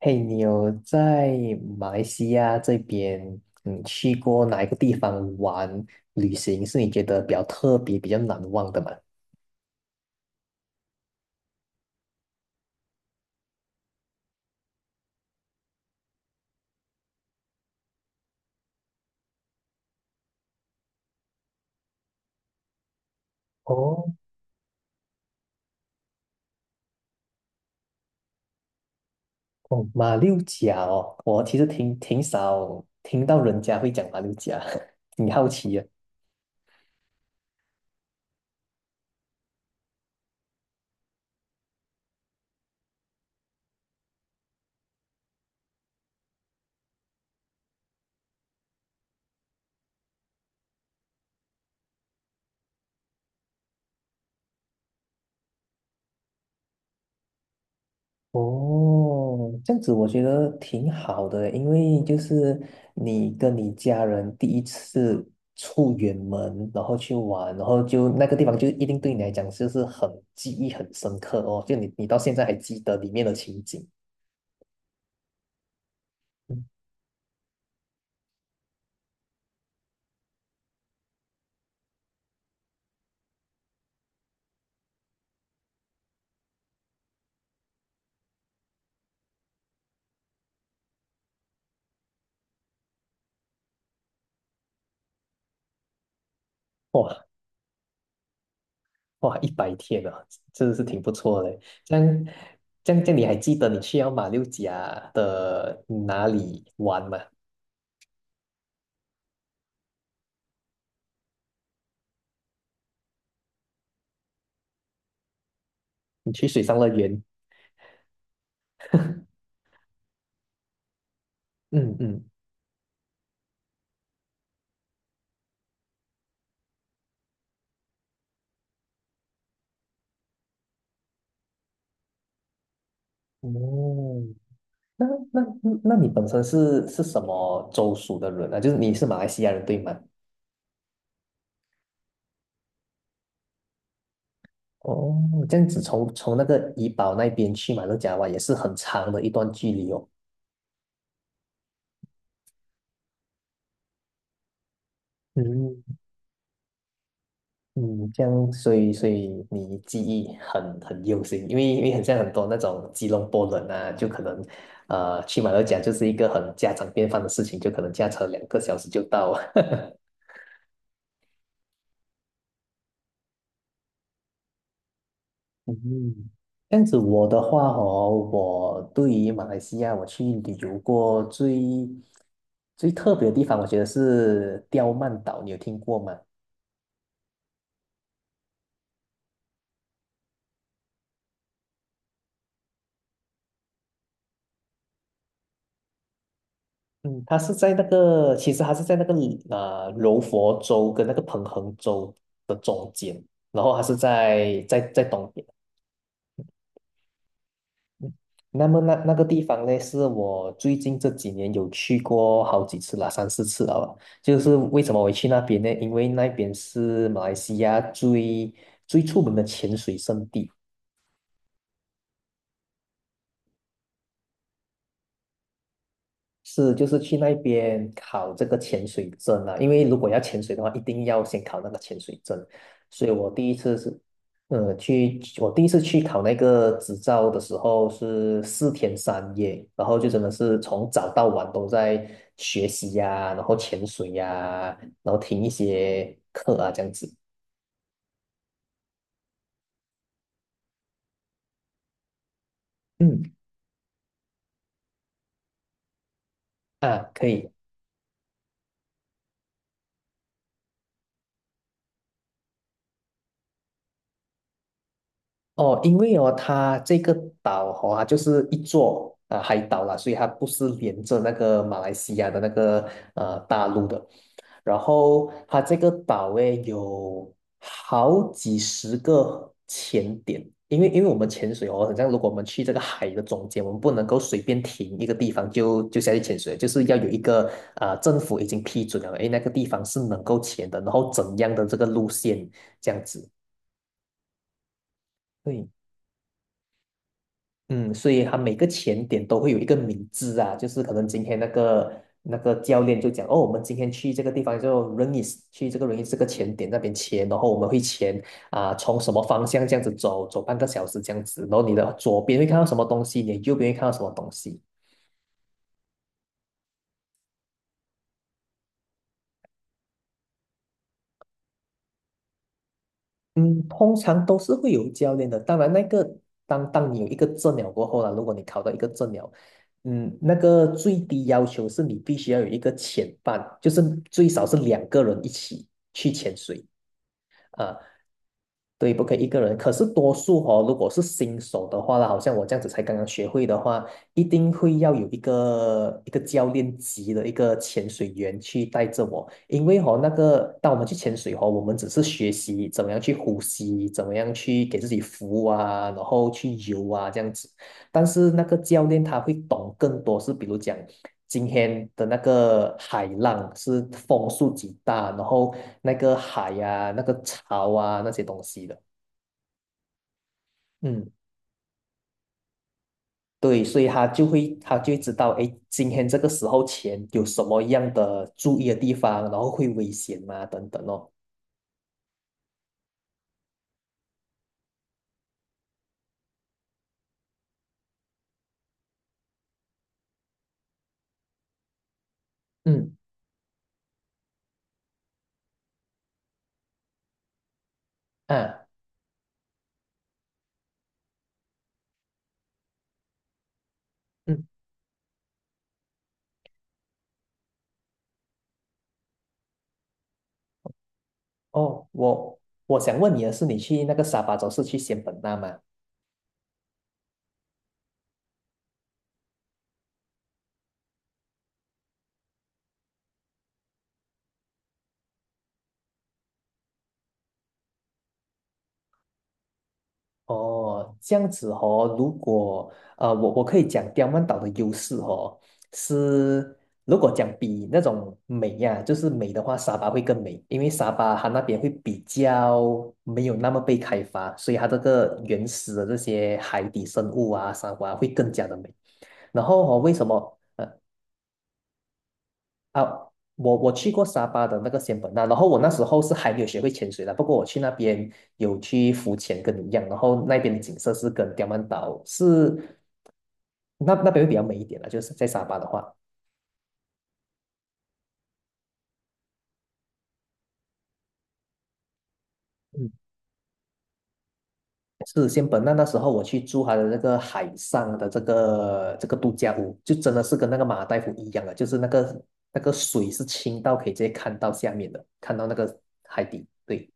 嘿，你有在马来西亚这边，去过哪一个地方玩旅行是你觉得比较特别、比较难忘的吗？哦，哦，马六甲哦，我其实挺少听到人家会讲马六甲，挺好奇哦，这样子我觉得挺好的，因为就是你跟你家人第一次出远门，然后去玩，然后就那个地方就一定对你来讲就是很记忆很深刻哦，就你到现在还记得里面的情景。嗯。哇，哇，100天啊，真的是挺不错的。这样这样你还记得你去到马六甲的哪里玩吗？你去水上乐园？嗯嗯。哦，那那那你本身是什么州属的人啊？就是你是马来西亚人对吗？哦，这样子从那个怡保那边去马六甲湾也是很长的一段距离哦。嗯嗯，这样，所以你记忆很用心，因为很像很多那种吉隆坡人啊，就可能去马六甲就是一个很家常便饭的事情，就可能驾车2个小时就到。嗯，这样子我的话哦，我对于马来西亚我去旅游过最特别的地方，我觉得是刁曼岛，你有听过吗？嗯，它是在那个，其实它是在那个柔佛州跟那个彭亨州的中间，然后它是在东边。那么那个地方呢，是我最近这几年有去过好几次了，三四次了吧。就是为什么我会去那边呢？因为那边是马来西亚最出名的潜水圣地。是，就是去那边考这个潜水证啊，因为如果要潜水的话，一定要先考那个潜水证。所以我第一次是，去我第一次去考那个执照的时候是4天3夜，然后就真的是从早到晚都在学习呀、然后潜水呀、然后听一些课啊，这样子。嗯。啊，可以。哦，因为哦，它这个岛哦，它就是一座啊、海岛啦，所以它不是连着那个马来西亚的那个大陆的。然后它这个岛诶有好几十个潜点，因为我们潜水哦，好像如果我们去这个海的中间，我们不能够随便停一个地方就下去潜水，就是要有一个啊、政府已经批准了，诶，那个地方是能够潜的，然后怎样的这个路线这样子。对。嗯，所以他每个前点都会有一个名字啊，就是可能今天那个教练就讲，哦，我们今天去这个地方就 is 去这个 is 这个前点那边签，然后我们会签啊、从什么方向这样子走，走半个小时这样子，然后你的左边会看到什么东西，你的右边会看到什么东西。嗯，通常都是会有教练的。当然，那个当你有一个证了过后啦，如果你考到一个证了，嗯，那个最低要求是你必须要有一个潜伴，就是最少是2个人一起去潜水。啊，对，不可以一个人。可是多数哦，如果是新手的话啦，好像我这样子才刚刚学会的话，一定会要有一个教练级的一个潜水员去带着我，因为哦，那个当我们去潜水哦，我们只是学习怎么样去呼吸，怎么样去给自己浮啊，然后去游啊这样子。但是那个教练他会懂更多，是比如讲。今天的那个海浪是风速极大，然后那个海呀、那个潮啊那些东西的。嗯，对，所以他就会知道，哎，今天这个时候前有什么样的注意的地方，然后会危险吗？等等哦。嗯。啊。嗯。哦，我想问你的是，你去那个沙巴州是去仙本那吗？哦，这样子哦，如果我可以讲刁曼岛的优势哦，是如果讲比那种美呀、就是美的话，沙巴会更美，因为沙巴它那边会比较没有那么被开发，所以它这个原始的这些海底生物啊、沙瑚啊会更加的美。然后哦，为什么？啊，我去过沙巴的那个仙本那，然后我那时候是还没有学会潜水的，不过我去那边有去浮潜，跟你一样，然后那边的景色是跟刁曼岛是那边会比较美一点了，就是在沙巴的话，嗯，是仙本那那时候我去住他的那个海上的这个度假屋，就真的是跟那个马尔代夫一样的，就是那个水是清到可以直接看到下面的，看到那个海底，对。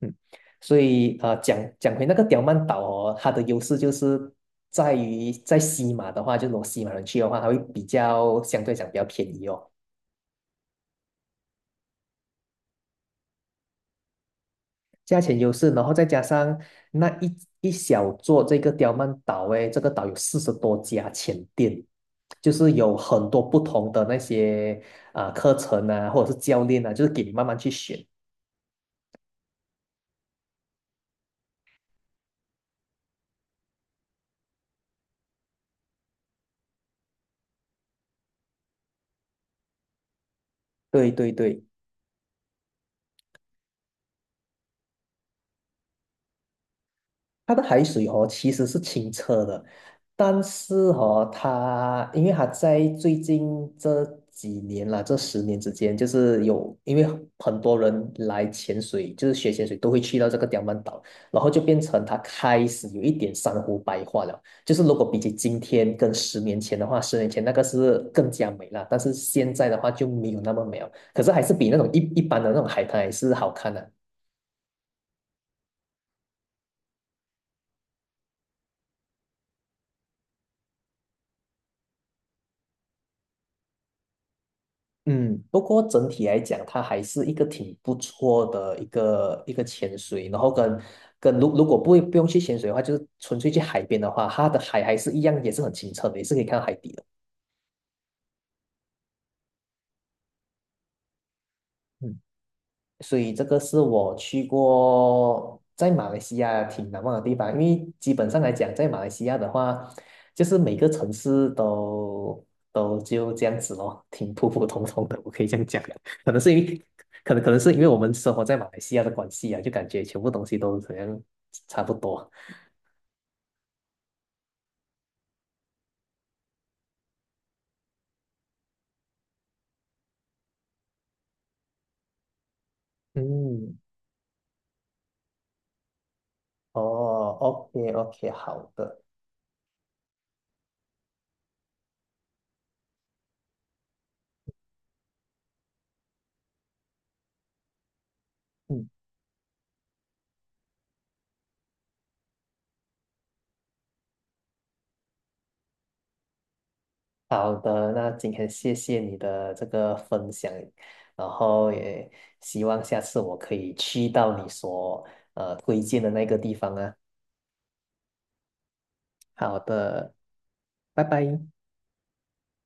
嗯，所以讲回那个刁曼岛哦，它的优势就是在于在西马的话，就是如果西马人去的话，它会比较相对讲比较便宜哦，价钱优势，然后再加上那一小座这个刁曼岛，诶，这个岛有40多家前店，就是有很多不同的那些啊、课程啊，或者是教练啊，就是给你慢慢去选。对，对，对。它的海水哦，其实是清澈的，但是哦，它因为它在最近这几年啦，这10年之间，就是有因为很多人来潜水，就是学潜水都会去到这个刁曼岛，然后就变成它开始有一点珊瑚白化了。就是如果比起今天跟十年前的话，十年前那个是更加美了，但是现在的话就没有那么美了，可是还是比那种一般的那种海滩还是好看的。嗯，不过整体来讲，它还是一个挺不错的一个潜水，然后跟如果不用去潜水的话，就是纯粹去海边的话，它的海还是一样，也是很清澈的，也是可以看到海底的。嗯。所以这个是我去过在马来西亚挺难忘的地方，因为基本上来讲，在马来西亚的话，就是每个城市都就这样子咯，挺普普通通的，我可以这样讲。可能是因为，可能是因为我们生活在马来西亚的关系啊，就感觉全部东西都好像差不多。嗯，哦，OK OK，好的。嗯。好的，那今天谢谢你的这个分享，然后也希望下次我可以去到你所推荐的那个地方啊。好的，拜拜。